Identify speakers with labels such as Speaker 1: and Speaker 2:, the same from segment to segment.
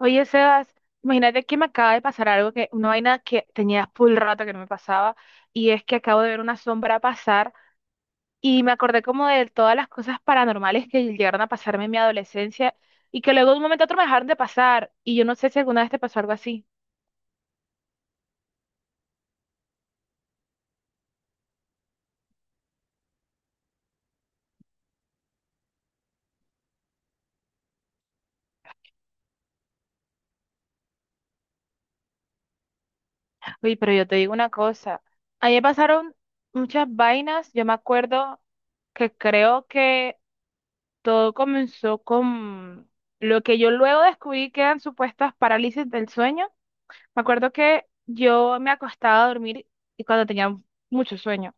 Speaker 1: Oye, Sebas, imagínate que me acaba de pasar algo que una vaina que tenía full rato que no me pasaba, y es que acabo de ver una sombra pasar y me acordé como de todas las cosas paranormales que llegaron a pasarme en mi adolescencia y que luego de un momento a otro me dejaron de pasar, y yo no sé si alguna vez te pasó algo así. Oye, pero yo te digo una cosa, a mí me pasaron muchas vainas. Yo me acuerdo que creo que todo comenzó con lo que yo luego descubrí que eran supuestas parálisis del sueño. Me acuerdo que yo me acostaba a dormir y cuando tenía mucho sueño,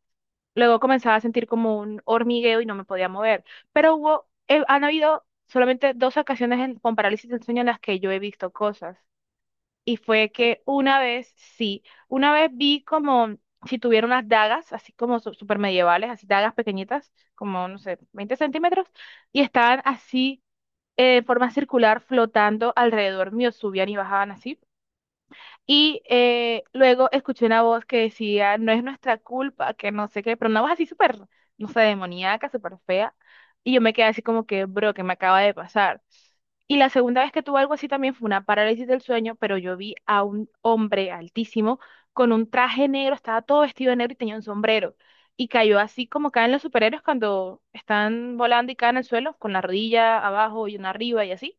Speaker 1: luego comenzaba a sentir como un hormigueo y no me podía mover. Pero hubo, han habido solamente dos ocasiones con parálisis del sueño en las que yo he visto cosas. Y fue que una vez, sí, una vez vi como si tuviera unas dagas, así como super medievales, así dagas pequeñitas, como, no sé, 20 centímetros, y estaban así, en forma circular flotando alrededor mío, subían y bajaban así. Y luego escuché una voz que decía, no es nuestra culpa, que no sé qué, pero una voz así súper, no sé, demoníaca, súper fea. Y yo me quedé así como que, bro, ¿qué me acaba de pasar? Y la segunda vez que tuve algo así también fue una parálisis del sueño, pero yo vi a un hombre altísimo con un traje negro, estaba todo vestido de negro y tenía un sombrero. Y cayó así como caen los superhéroes cuando están volando y caen al suelo, con la rodilla abajo y una arriba y así.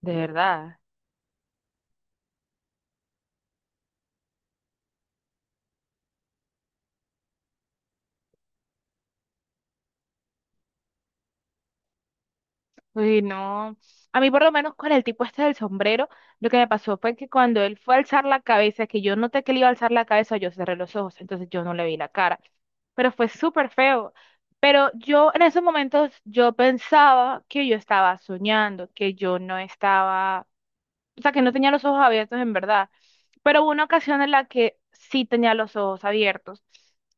Speaker 1: De verdad. Uy, no. A mí por lo menos con el tipo este del sombrero, lo que me pasó fue que cuando él fue a alzar la cabeza, que yo noté que le iba a alzar la cabeza, yo cerré los ojos, entonces yo no le vi la cara, pero fue súper feo. Pero yo en esos momentos yo pensaba que yo estaba soñando, que yo no estaba, o sea, que no tenía los ojos abiertos en verdad. Pero hubo una ocasión en la que sí tenía los ojos abiertos.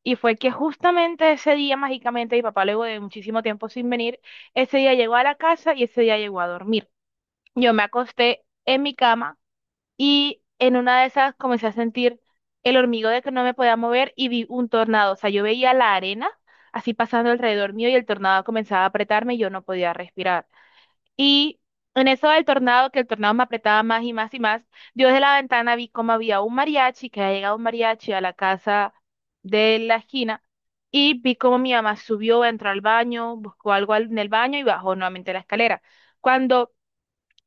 Speaker 1: Y fue que justamente ese día, mágicamente, mi papá, luego de muchísimo tiempo sin venir, ese día llegó a la casa y ese día llegó a dormir. Yo me acosté en mi cama y en una de esas comencé a sentir el hormigueo de que no me podía mover y vi un tornado. O sea, yo veía la arena así pasando alrededor mío y el tornado comenzaba a apretarme y yo no podía respirar. Y en eso del tornado, que el tornado me apretaba más y más y más, yo desde la ventana vi cómo había un mariachi, que había llegado un mariachi a la casa de la esquina, y vi cómo mi mamá subió, entró al baño, buscó algo en el baño y bajó nuevamente la escalera. Cuando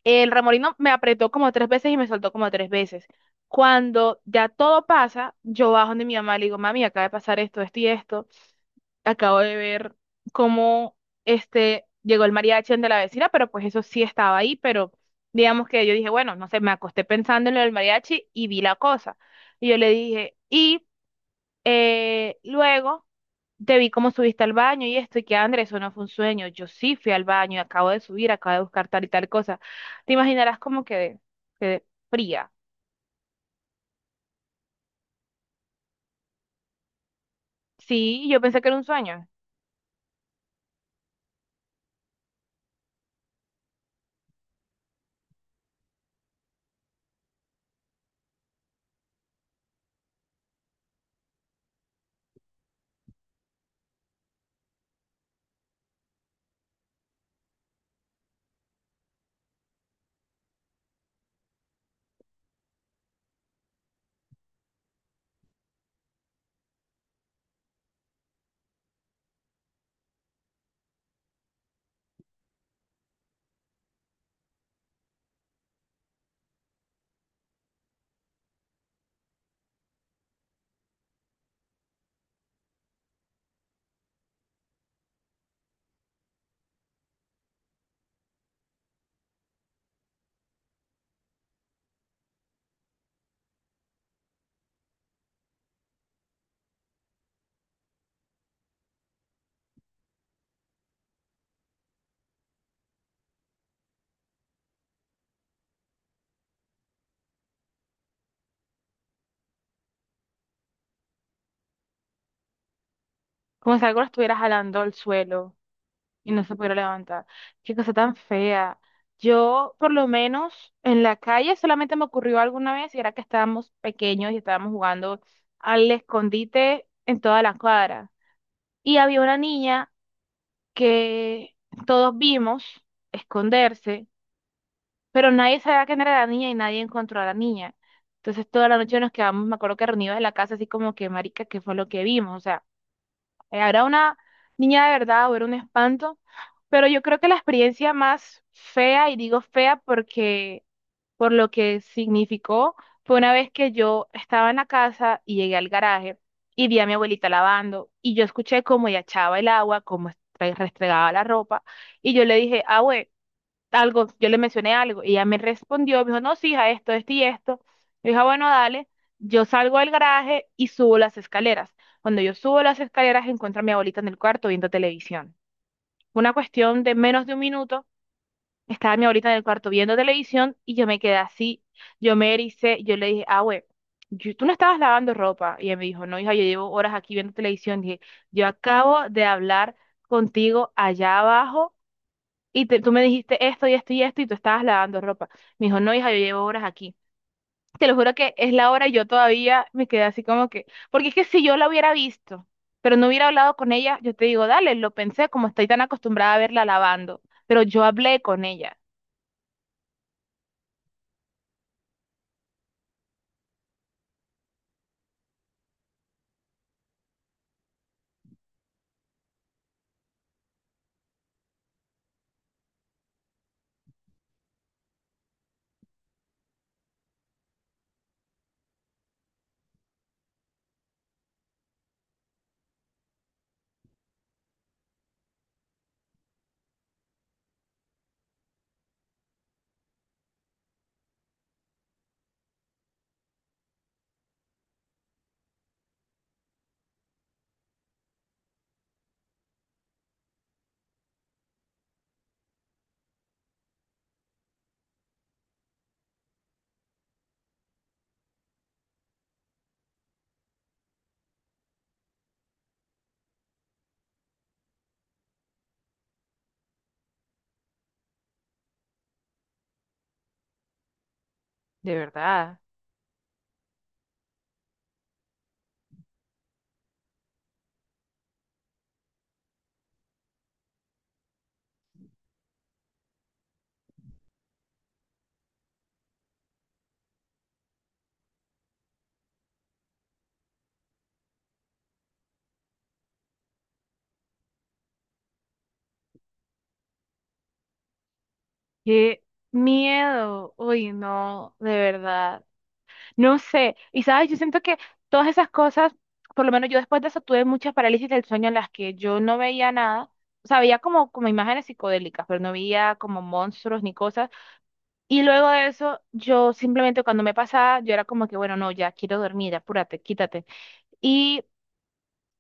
Speaker 1: el remolino me apretó como tres veces y me soltó como tres veces. Cuando ya todo pasa, yo bajo donde mi mamá y le digo, mami, acaba de pasar esto, esto y esto, acabo de ver cómo este llegó el mariachi de la vecina, pero pues eso sí estaba ahí, pero digamos que yo dije, bueno, no sé, me acosté pensando en lo del mariachi y vi la cosa. Y yo le dije, y luego te vi cómo subiste al baño y esto, y que Andrés, eso no fue un sueño, yo sí fui al baño, acabo de subir, acabo de buscar tal y tal cosa. Te imaginarás cómo quedé, quedé fría. Sí, yo pensé que era un sueño, como si algo lo estuviera jalando al suelo. Y no se pudiera levantar. Qué cosa tan fea. Yo, por lo menos, en la calle solamente me ocurrió alguna vez y era que estábamos pequeños y estábamos jugando al escondite en toda la cuadra. Y había una niña que todos vimos esconderse, pero nadie sabía quién era la niña y nadie encontró a la niña. Entonces toda la noche nos quedamos, me acuerdo que reunidos en la casa, así como que, marica, ¿qué fue lo que vimos? O sea, ¿era una niña de verdad o era un espanto? Pero yo creo que la experiencia más fea, y digo fea porque por lo que significó, fue una vez que yo estaba en la casa y llegué al garaje y vi a mi abuelita lavando y yo escuché cómo ella echaba el agua, cómo restregaba la ropa, y yo le dije, abue, algo, yo le mencioné algo y ella me respondió, me dijo, no, sí, hija, esto y esto. Yo dije, "Ah, bueno, dale", yo salgo del garaje y subo las escaleras. Cuando yo subo las escaleras, encuentro a mi abuelita en el cuarto viendo televisión. Fue una cuestión de menos de un minuto, estaba mi abuelita en el cuarto viendo televisión y yo me quedé así, yo me ericé, yo le dije, ah, güey, tú no estabas lavando ropa. Y ella me dijo, no, hija, yo llevo horas aquí viendo televisión. Dije, yo acabo de hablar contigo allá abajo y tú me dijiste esto y esto y esto y tú estabas lavando ropa. Me dijo, no, hija, yo llevo horas aquí. Te lo juro que es la hora y yo todavía me quedé así como que, porque es que si yo la hubiera visto, pero no hubiera hablado con ella, yo te digo, dale, lo pensé, como estoy tan acostumbrada a verla lavando, pero yo hablé con ella, de verdad. Qué miedo, uy, no, de verdad. No sé, y sabes, yo siento que todas esas cosas, por lo menos yo después de eso tuve muchas parálisis del sueño en las que yo no veía nada, o sea, veía como, como imágenes psicodélicas, pero no veía como monstruos ni cosas. Y luego de eso, yo simplemente cuando me pasaba, yo era como que, bueno, no, ya quiero dormir, apúrate, quítate. Y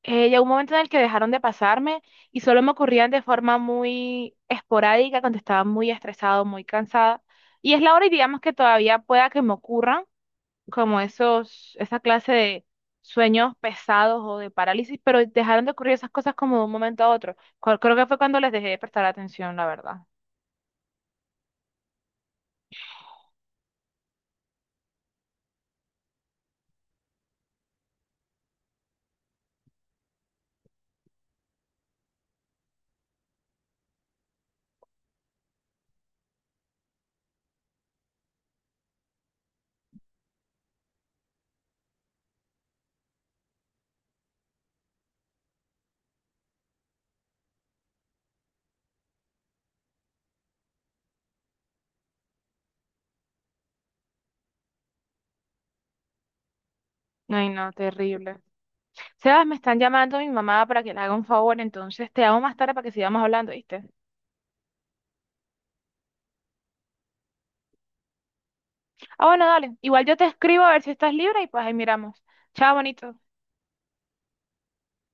Speaker 1: llegó un momento en el que dejaron de pasarme y solo me ocurrían de forma muy esporádica, cuando estaba muy estresado, muy cansada. Y es la hora y digamos que todavía pueda que me ocurran como esos, esa clase de sueños pesados o de parálisis, pero dejaron de ocurrir esas cosas como de un momento a otro. Creo que fue cuando les dejé de prestar atención, la verdad. Ay, no, terrible. Sebas, me están llamando mi mamá para que le haga un favor, entonces te llamo más tarde para que sigamos hablando, ¿viste? Ah, bueno, dale. Igual yo te escribo a ver si estás libre y pues ahí miramos. Chao, bonito.